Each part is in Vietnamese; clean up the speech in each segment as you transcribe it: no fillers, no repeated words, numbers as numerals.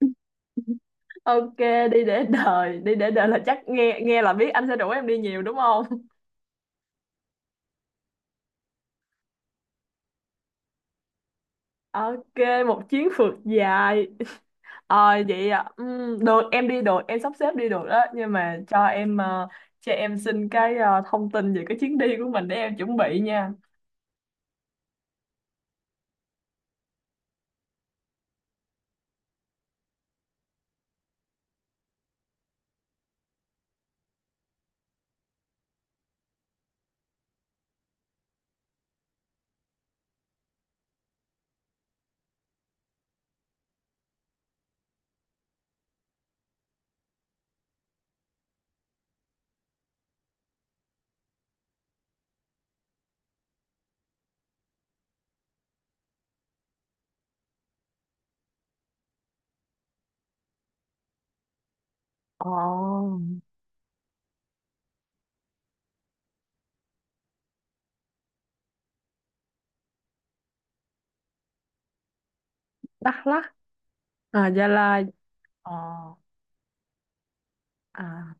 Ok, đi để đời là chắc nghe nghe là biết anh sẽ rủ em đi nhiều đúng không? Ok, một chuyến phượt dài. Ờ vậy à. Ừ, được em đi được, em sắp xếp đi được đó, nhưng mà cho cho em xin thông tin về cái chuyến đi của mình để em chuẩn bị nha. Ồ, Đắk Lắk, à Gia Lai. Ồ, à.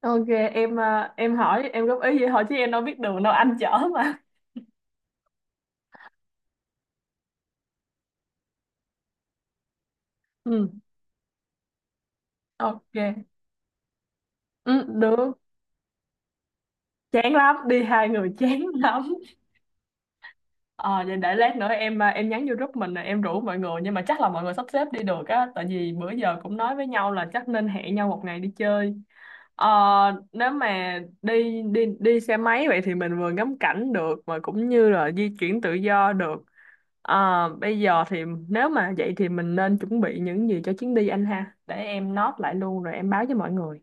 Ok, em hỏi, em góp ý vậy thôi chứ em đâu biết đường đâu, anh chở mà. Ừ, ok. Ừ, được. Chán lắm, đi hai người chán lắm. Ờ Vậy để lát nữa em nhắn vô group mình rồi em rủ mọi người, nhưng mà chắc là mọi người sắp xếp đi được á, tại vì bữa giờ cũng nói với nhau là chắc nên hẹn nhau một ngày đi chơi. ờ Nếu mà đi đi đi xe máy vậy thì mình vừa ngắm cảnh được mà cũng như là di chuyển tự do được. Bây giờ thì nếu mà vậy thì mình nên chuẩn bị những gì cho chuyến đi anh ha, để em note lại luôn rồi em báo với mọi người.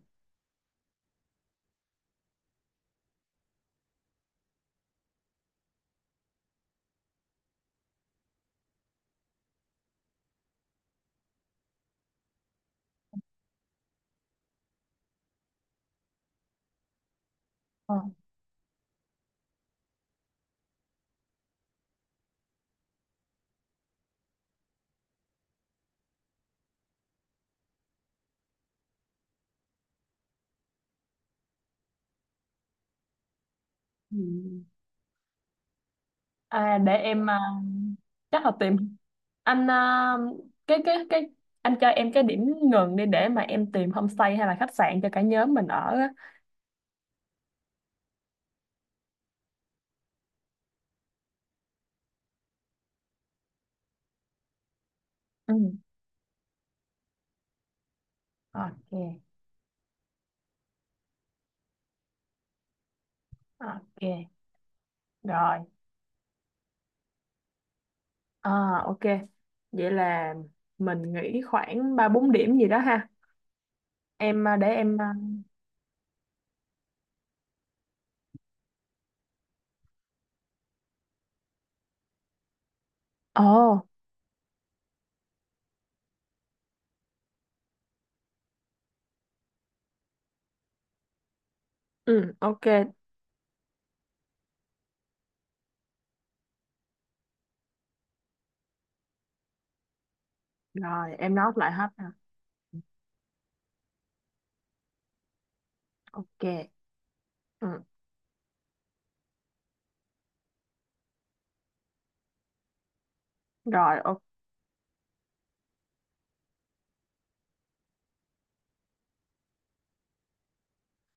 Ờ. Ừ. À, để em à, chắc là tìm anh à, cái anh cho em cái điểm ngừng đi, để mà em tìm homestay hay là khách sạn cho cả nhóm mình ở á. Ừ. Ok, ok. Rồi. À, ok. Vậy là mình nghĩ khoảng 3 4 điểm gì đó ha. Em à, để em à, Ồ, ừ, ok. Rồi, em nói lại hết ha. Ok. Ừ. Rồi, ok.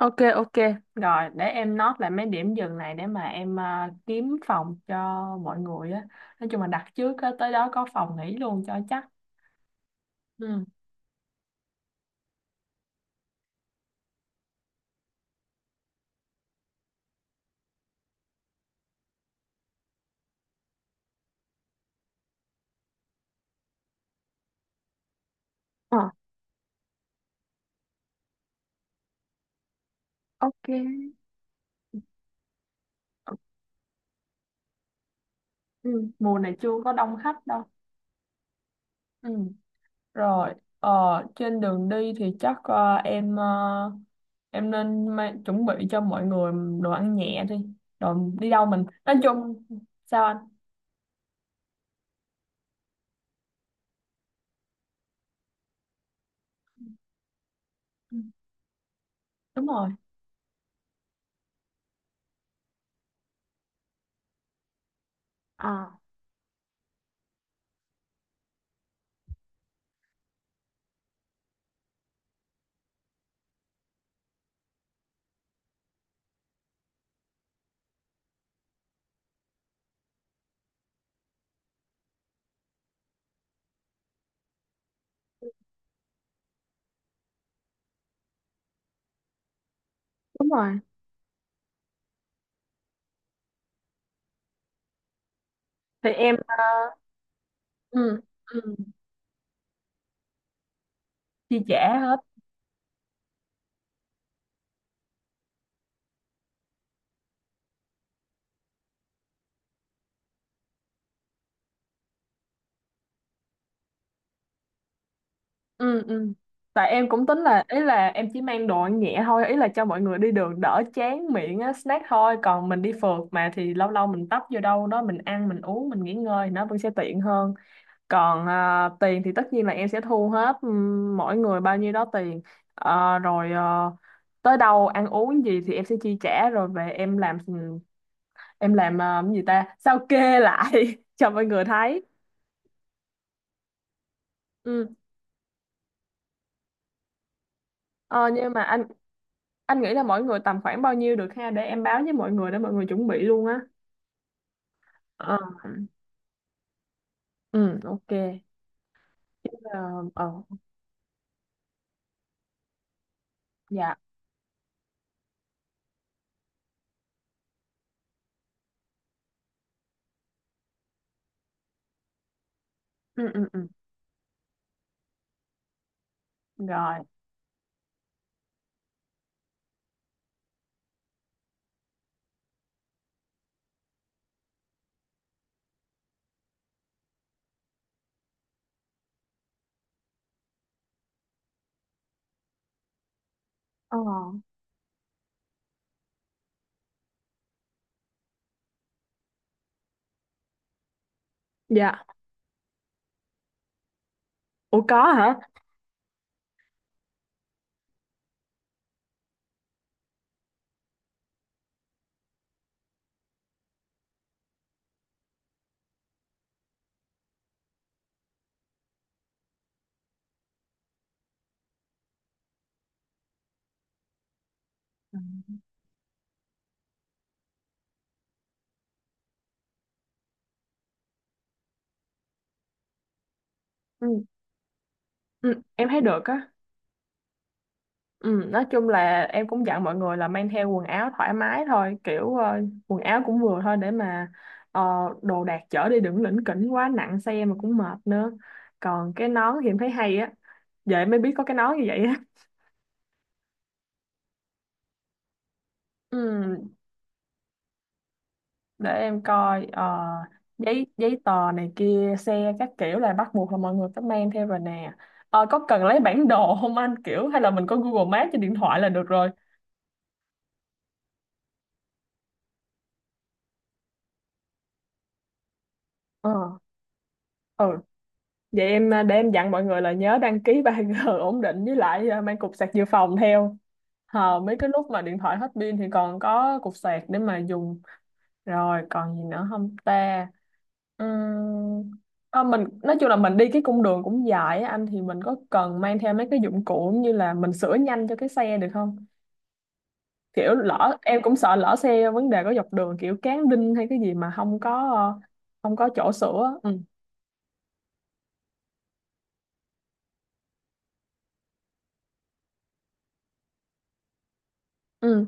Ok, ok, rồi để em note lại mấy điểm dừng này, để mà kiếm phòng cho mọi người á, nói chung là đặt trước á, tới đó có phòng nghỉ luôn cho chắc. Ừ. Ờ, ok. Ừ. Mùa này chưa có đông khách đâu. Ừ. Rồi. ờ, Trên đường đi thì chắc em nên chuẩn bị cho mọi người đồ ăn nhẹ đi, rồi đi đâu mình nói chung sao anh. Ừ, đúng rồi. Ờ, đúng rồi. Thì em ờ, ừ. Ừ. Chia sẻ hết. Ừ, ừ. Tại em cũng tính là, ý là em chỉ mang đồ ăn nhẹ thôi, ý là cho mọi người đi đường đỡ chán miệng á, snack thôi, còn mình đi phượt mà, thì lâu lâu mình tấp vô đâu đó mình ăn mình uống mình nghỉ ngơi nó vẫn sẽ tiện hơn. Còn tiền thì tất nhiên là em sẽ thu hết, mỗi người bao nhiêu đó tiền. Rồi, tới đâu ăn uống gì thì em sẽ chi trả, rồi về em làm cái gì ta, sao kê lại cho mọi người thấy. Ừ. Ờ, nhưng mà anh nghĩ là mỗi người tầm khoảng bao nhiêu được ha, để em báo với mọi người để mọi người chuẩn bị luôn á. Ờ, ừ, ok. Chứ, ờ ờ, dạ. Ừ, ừ, ừ. Rồi. Ờ. Dạ. Ủa, có hả? Ừ. Ừ, ừ, em thấy được á. Ừ, nói chung là em cũng dặn mọi người là mang theo quần áo thoải mái thôi, kiểu ờ, quần áo cũng vừa thôi để mà ờ, đồ đạc chở đi đừng lỉnh kỉnh quá, nặng xe mà cũng mệt nữa. Còn cái nón thì em thấy hay á, vậy mới biết có cái nón như vậy á. Ừ. để em coi ờ, giấy giấy tờ này kia xe các kiểu là bắt buộc là mọi người phải mang theo rồi nè. Ờ, có cần lấy bản đồ không anh, kiểu hay là mình có Google Maps trên điện thoại là được rồi. Ờ. Ừ. Vậy để em dặn mọi người là nhớ đăng ký ba g ổn định, với lại ờ, mang cục sạc dự phòng theo. Ờ, mấy cái lúc mà điện thoại hết pin thì còn có cục sạc để mà dùng. Rồi còn gì nữa không ta? Uhm, à, mình nói chung là mình đi cái cung đường cũng dài á anh, thì mình có cần mang theo mấy cái dụng cụ như là mình sửa nhanh cho cái xe được không? Kiểu lỡ em cũng sợ lỡ xe vấn đề có dọc đường, kiểu cán đinh hay cái gì mà không có ờ, không có chỗ sửa. Ừ. Ừ.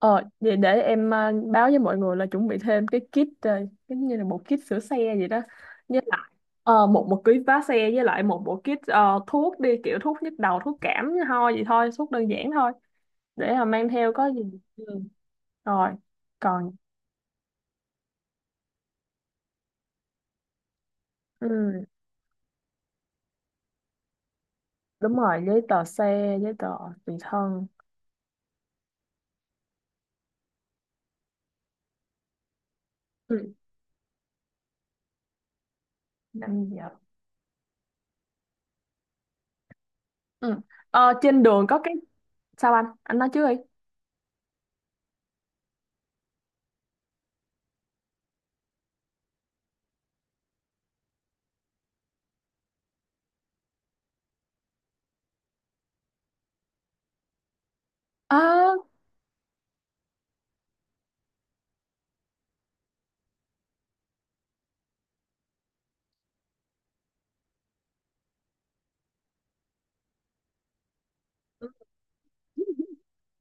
Để em báo với mọi người là chuẩn bị thêm cái kit giống như là một kit sửa xe vậy đó, với lại ờ, một một ký vá xe, với lại một bộ kit thuốc đi, kiểu thuốc nhức đầu thuốc cảm ho gì thôi, thuốc đơn giản thôi, để mà mang theo có gì. Ừ. Rồi. Còn ừ, đúng rồi, giấy tờ xe giấy tờ tùy thân. Ừ. 5 giờ. Ừ. Ờ, trên đường có cái sao anh nói trước đi. Ờ.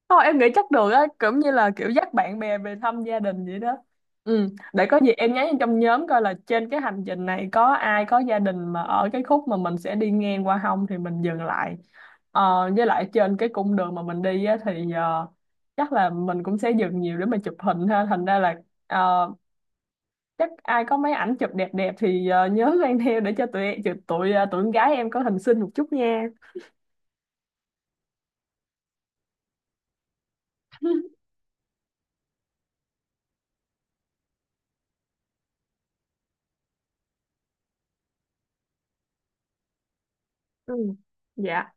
Thôi em nghĩ chắc được á, cũng như là kiểu dắt bạn bè về thăm gia đình vậy đó. Ừ, để có gì em nhắn vô trong nhóm coi là trên cái hành trình này có ai có gia đình mà ở cái khúc mà mình sẽ đi ngang qua không, thì mình dừng lại. Ờ, với lại trên cái cung đường mà mình đi á, thì ờ, chắc là mình cũng sẽ dừng nhiều để mà chụp hình ha. Thành ra là ờ, chắc ai có mấy ảnh chụp đẹp đẹp thì ờ, nhớ mang theo để cho tụi tụi tụi, ờ, tụi con gái em có hình xinh một chút nha. Ừ. Dạ.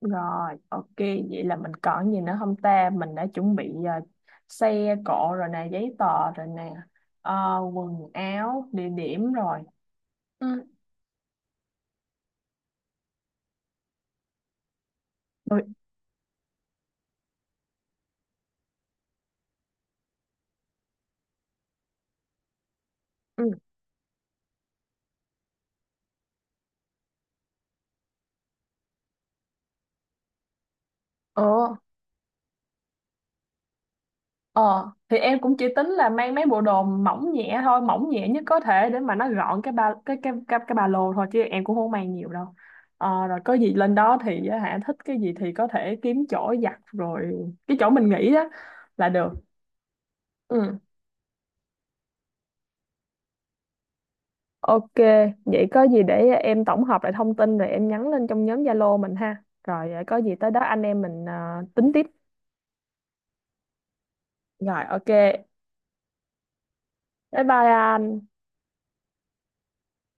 Rồi, ok, vậy là mình còn gì nữa không ta? Mình đã chuẩn bị ờ, xe cộ rồi nè, giấy tờ rồi nè, ờ, quần áo, địa điểm rồi. Ừ. Rồi. Ừ. ờ, ờ, thì em cũng chỉ tính là mang mấy bộ đồ mỏng nhẹ thôi, mỏng nhẹ nhất có thể, để mà nó gọn cái ba lô thôi, chứ em cũng không mang nhiều đâu. Ờ, rồi có gì lên đó thì á hả, thích cái gì thì có thể kiếm chỗ giặt rồi cái chỗ mình nghĩ đó là được. Ừ. Ok, vậy có gì để em tổng hợp lại thông tin rồi em nhắn lên trong nhóm Zalo mình ha. Rồi, có gì tới đó anh em mình ờ, tính tiếp. Rồi ok. Bye bye anh.